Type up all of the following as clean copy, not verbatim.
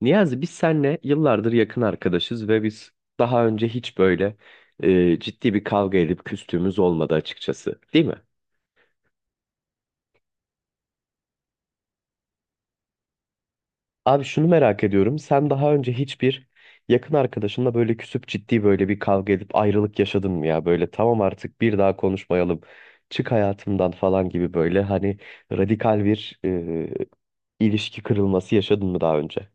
Niyazi, biz seninle yıllardır yakın arkadaşız ve biz daha önce hiç böyle ciddi bir kavga edip küstüğümüz olmadı açıkçası, değil mi? Abi, şunu merak ediyorum. Sen daha önce hiçbir yakın arkadaşınla böyle küsüp ciddi böyle bir kavga edip ayrılık yaşadın mı ya? Böyle tamam artık bir daha konuşmayalım. Çık hayatımdan falan gibi böyle hani radikal bir ilişki kırılması yaşadın mı daha önce?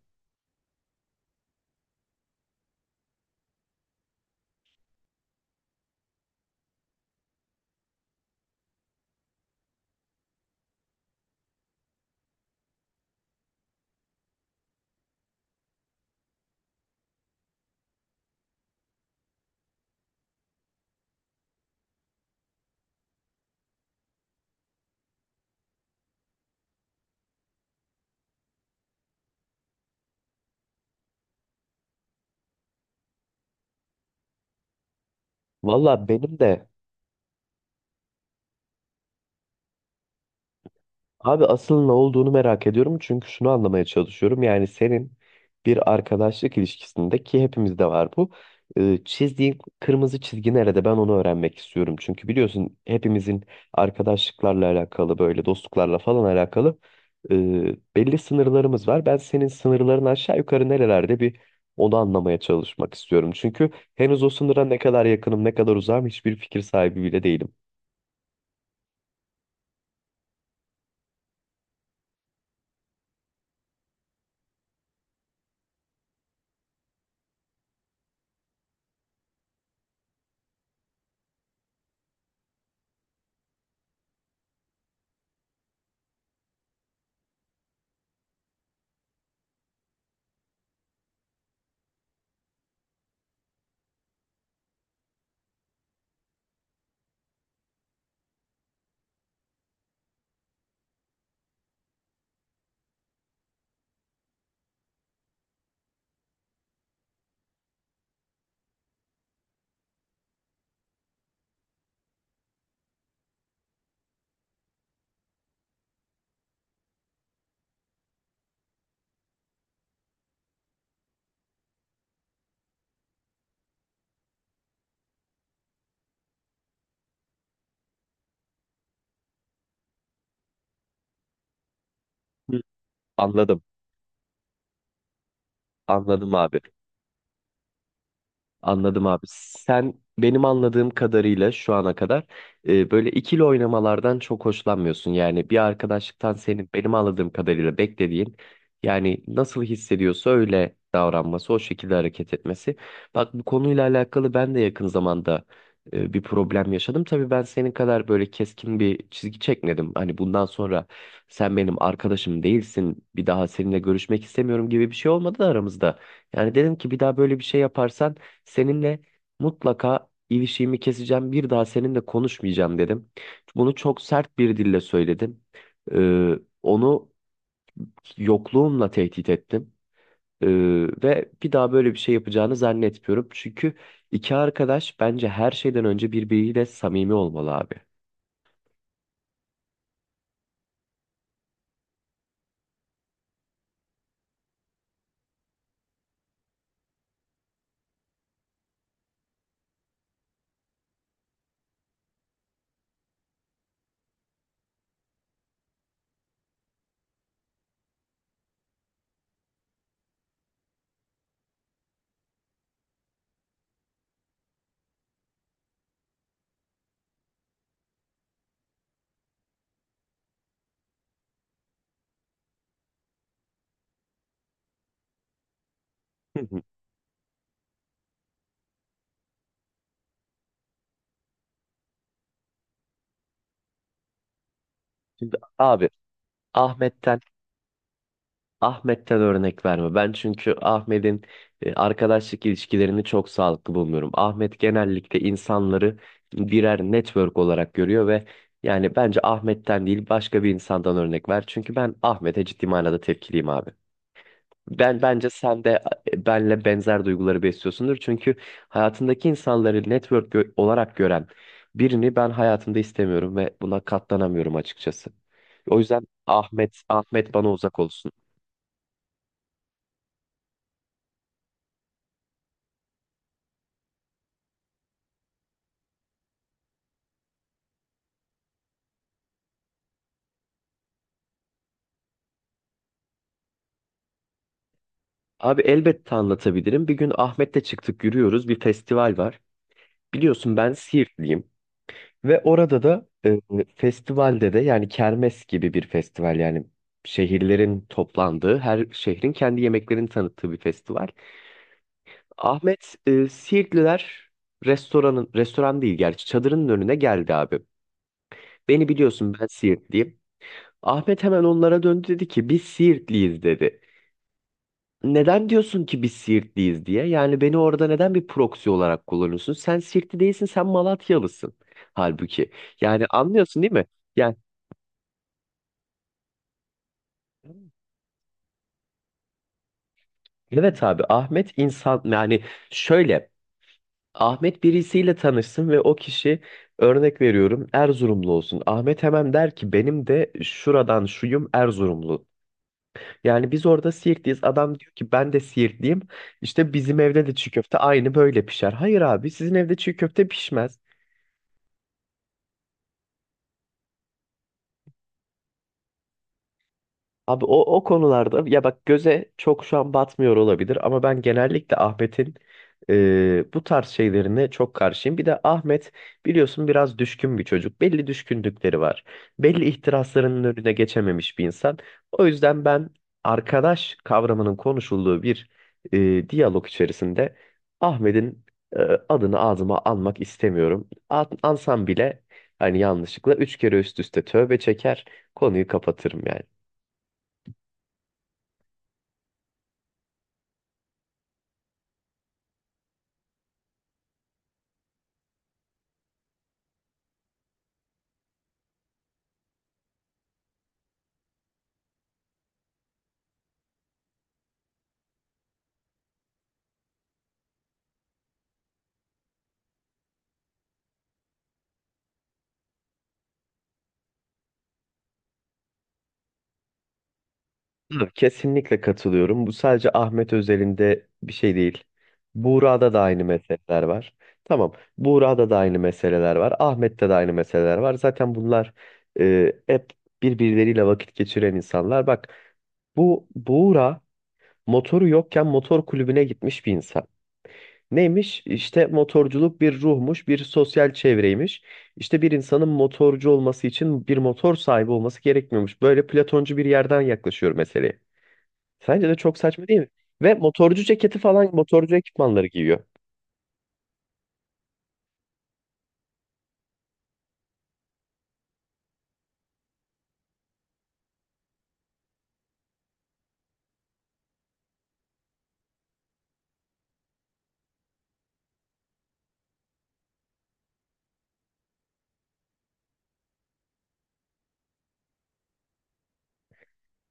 Valla benim de abi asıl ne olduğunu merak ediyorum çünkü şunu anlamaya çalışıyorum. Yani senin bir arkadaşlık ilişkisinde ki hepimizde var bu. Çizdiğin kırmızı çizgi nerede? Ben onu öğrenmek istiyorum. Çünkü biliyorsun hepimizin arkadaşlıklarla alakalı böyle dostluklarla falan alakalı e, belli sınırlarımız var. Ben senin sınırların aşağı yukarı nerelerde bir onu anlamaya çalışmak istiyorum. Çünkü henüz o sınıra ne kadar yakınım ne kadar uzağım hiçbir fikir sahibi bile değilim. Hı. Anladım. Anladım abi. Anladım abi. Sen benim anladığım kadarıyla şu ana kadar böyle ikili oynamalardan çok hoşlanmıyorsun. Yani bir arkadaşlıktan senin benim anladığım kadarıyla beklediğin yani nasıl hissediyorsa öyle davranması, o şekilde hareket etmesi. Bak, bu konuyla alakalı ben de yakın zamanda bir problem yaşadım. Tabii ben senin kadar böyle keskin bir çizgi çekmedim. Hani bundan sonra sen benim arkadaşım değilsin, bir daha seninle görüşmek istemiyorum gibi bir şey olmadı da aramızda. Yani dedim ki bir daha böyle bir şey yaparsan seninle mutlaka ilişiğimi keseceğim. Bir daha seninle konuşmayacağım dedim. Bunu çok sert bir dille söyledim. Ee, onu yokluğumla tehdit ettim. Ee, ve bir daha böyle bir şey yapacağını zannetmiyorum. Çünkü iki arkadaş bence her şeyden önce birbiriyle samimi olmalı abi. Hı hı. Şimdi abi, Ahmet'ten Ahmet'ten örnek verme. Ben çünkü Ahmet'in arkadaşlık ilişkilerini çok sağlıklı bulmuyorum. Ahmet genellikle insanları birer network olarak görüyor ve yani bence Ahmet'ten değil başka bir insandan örnek ver. Çünkü ben Ahmet'e ciddi manada tepkiliyim abi. Ben bence sen de benle benzer duyguları besliyorsundur. Çünkü hayatındaki insanları network olarak gören birini ben hayatımda istemiyorum ve buna katlanamıyorum açıkçası. O yüzden Ahmet bana uzak olsun. Abi, elbette anlatabilirim. Bir gün Ahmet'le çıktık, yürüyoruz. Bir festival var. Biliyorsun ben Siirtliyim. Ve orada da festivalde de yani kermes gibi bir festival, yani şehirlerin toplandığı, her şehrin kendi yemeklerini tanıttığı bir festival. Ahmet Siirtliler restoranın, restoran değil gerçi çadırının önüne geldi abi. Beni biliyorsun, ben Siirtliyim. Ahmet hemen onlara döndü, dedi ki biz Siirtliyiz dedi. Neden diyorsun ki biz Siirtliyiz diye? Yani beni orada neden bir proxy olarak kullanıyorsun? Sen Siirtli değilsin, sen Malatyalısın. Halbuki. Yani anlıyorsun değil mi? Yani evet abi, Ahmet insan yani şöyle Ahmet birisiyle tanışsın ve o kişi örnek veriyorum Erzurumlu olsun. Ahmet hemen der ki benim de şuradan şuyum Erzurumlu. Yani biz orada Siirtliyiz. Adam diyor ki ben de Siirtliyim. İşte bizim evde de çiğ köfte aynı böyle pişer. Hayır abi, sizin evde çiğ köfte pişmez. Abi o, o konularda ya bak göze çok şu an batmıyor olabilir ama ben genellikle Ahmet'in bu tarz şeylerine çok karşıyım. Bir de Ahmet biliyorsun biraz düşkün bir çocuk. Belli düşkünlükleri var. Belli ihtiraslarının önüne geçememiş bir insan. O yüzden ben arkadaş kavramının konuşulduğu bir diyalog içerisinde Ahmet'in e, adını ağzıma almak istemiyorum. Ansam bile hani yanlışlıkla üç kere üst üste tövbe çeker. Konuyu kapatırım yani. Tabii, kesinlikle katılıyorum. Bu sadece Ahmet özelinde bir şey değil. Buğra'da da aynı meseleler var. Tamam. Buğra'da da aynı meseleler var. Ahmet'te de aynı meseleler var. Zaten bunlar hep birbirleriyle vakit geçiren insanlar. Bak bu Buğra motoru yokken motor kulübüne gitmiş bir insan. Neymiş? İşte motorculuk bir ruhmuş, bir sosyal çevreymiş. İşte bir insanın motorcu olması için bir motor sahibi olması gerekmiyormuş. Böyle Platoncu bir yerden yaklaşıyor meseleye. Sence de çok saçma değil mi? Ve motorcu ceketi falan motorcu ekipmanları giyiyor.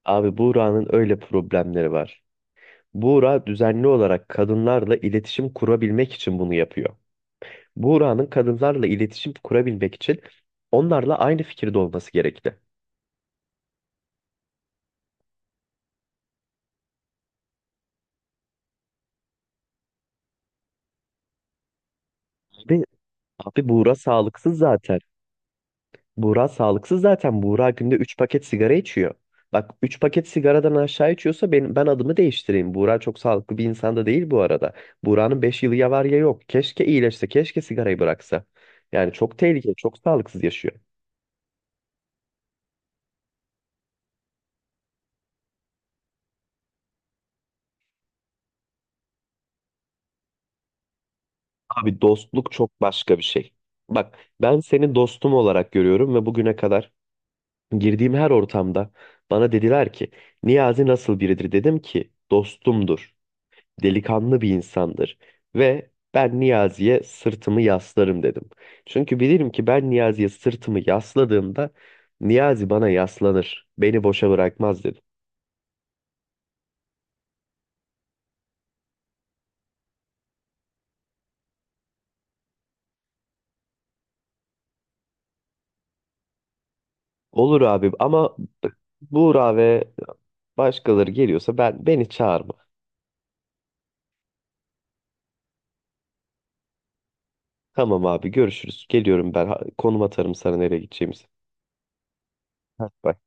Abi, Buğra'nın öyle problemleri var. Buğra düzenli olarak kadınlarla iletişim kurabilmek için bunu yapıyor. Buğra'nın kadınlarla iletişim kurabilmek için onlarla aynı fikirde olması gerekti. Abi, Buğra sağlıksız zaten. Buğra sağlıksız zaten. Buğra günde 3 paket sigara içiyor. Bak, 3 paket sigaradan aşağı içiyorsa ben adımı değiştireyim. Buğra çok sağlıklı bir insan da değil bu arada. Buğra'nın 5 yılı ya var ya yok. Keşke iyileşse, keşke sigarayı bıraksa. Yani çok tehlikeli, çok sağlıksız yaşıyor. Abi, dostluk çok başka bir şey. Bak, ben seni dostum olarak görüyorum ve bugüne kadar girdiğim her ortamda bana dediler ki Niyazi nasıl biridir? Dedim ki dostumdur. Delikanlı bir insandır ve ben Niyazi'ye sırtımı yaslarım dedim. Çünkü bilirim ki ben Niyazi'ye sırtımı yasladığımda Niyazi bana yaslanır, beni boşa bırakmaz dedim. Olur abi ama Buğra ve başkaları geliyorsa ben beni çağırma. Tamam abi, görüşürüz. Geliyorum ben. Konum atarım sana nereye gideceğimizi. Heh, bye.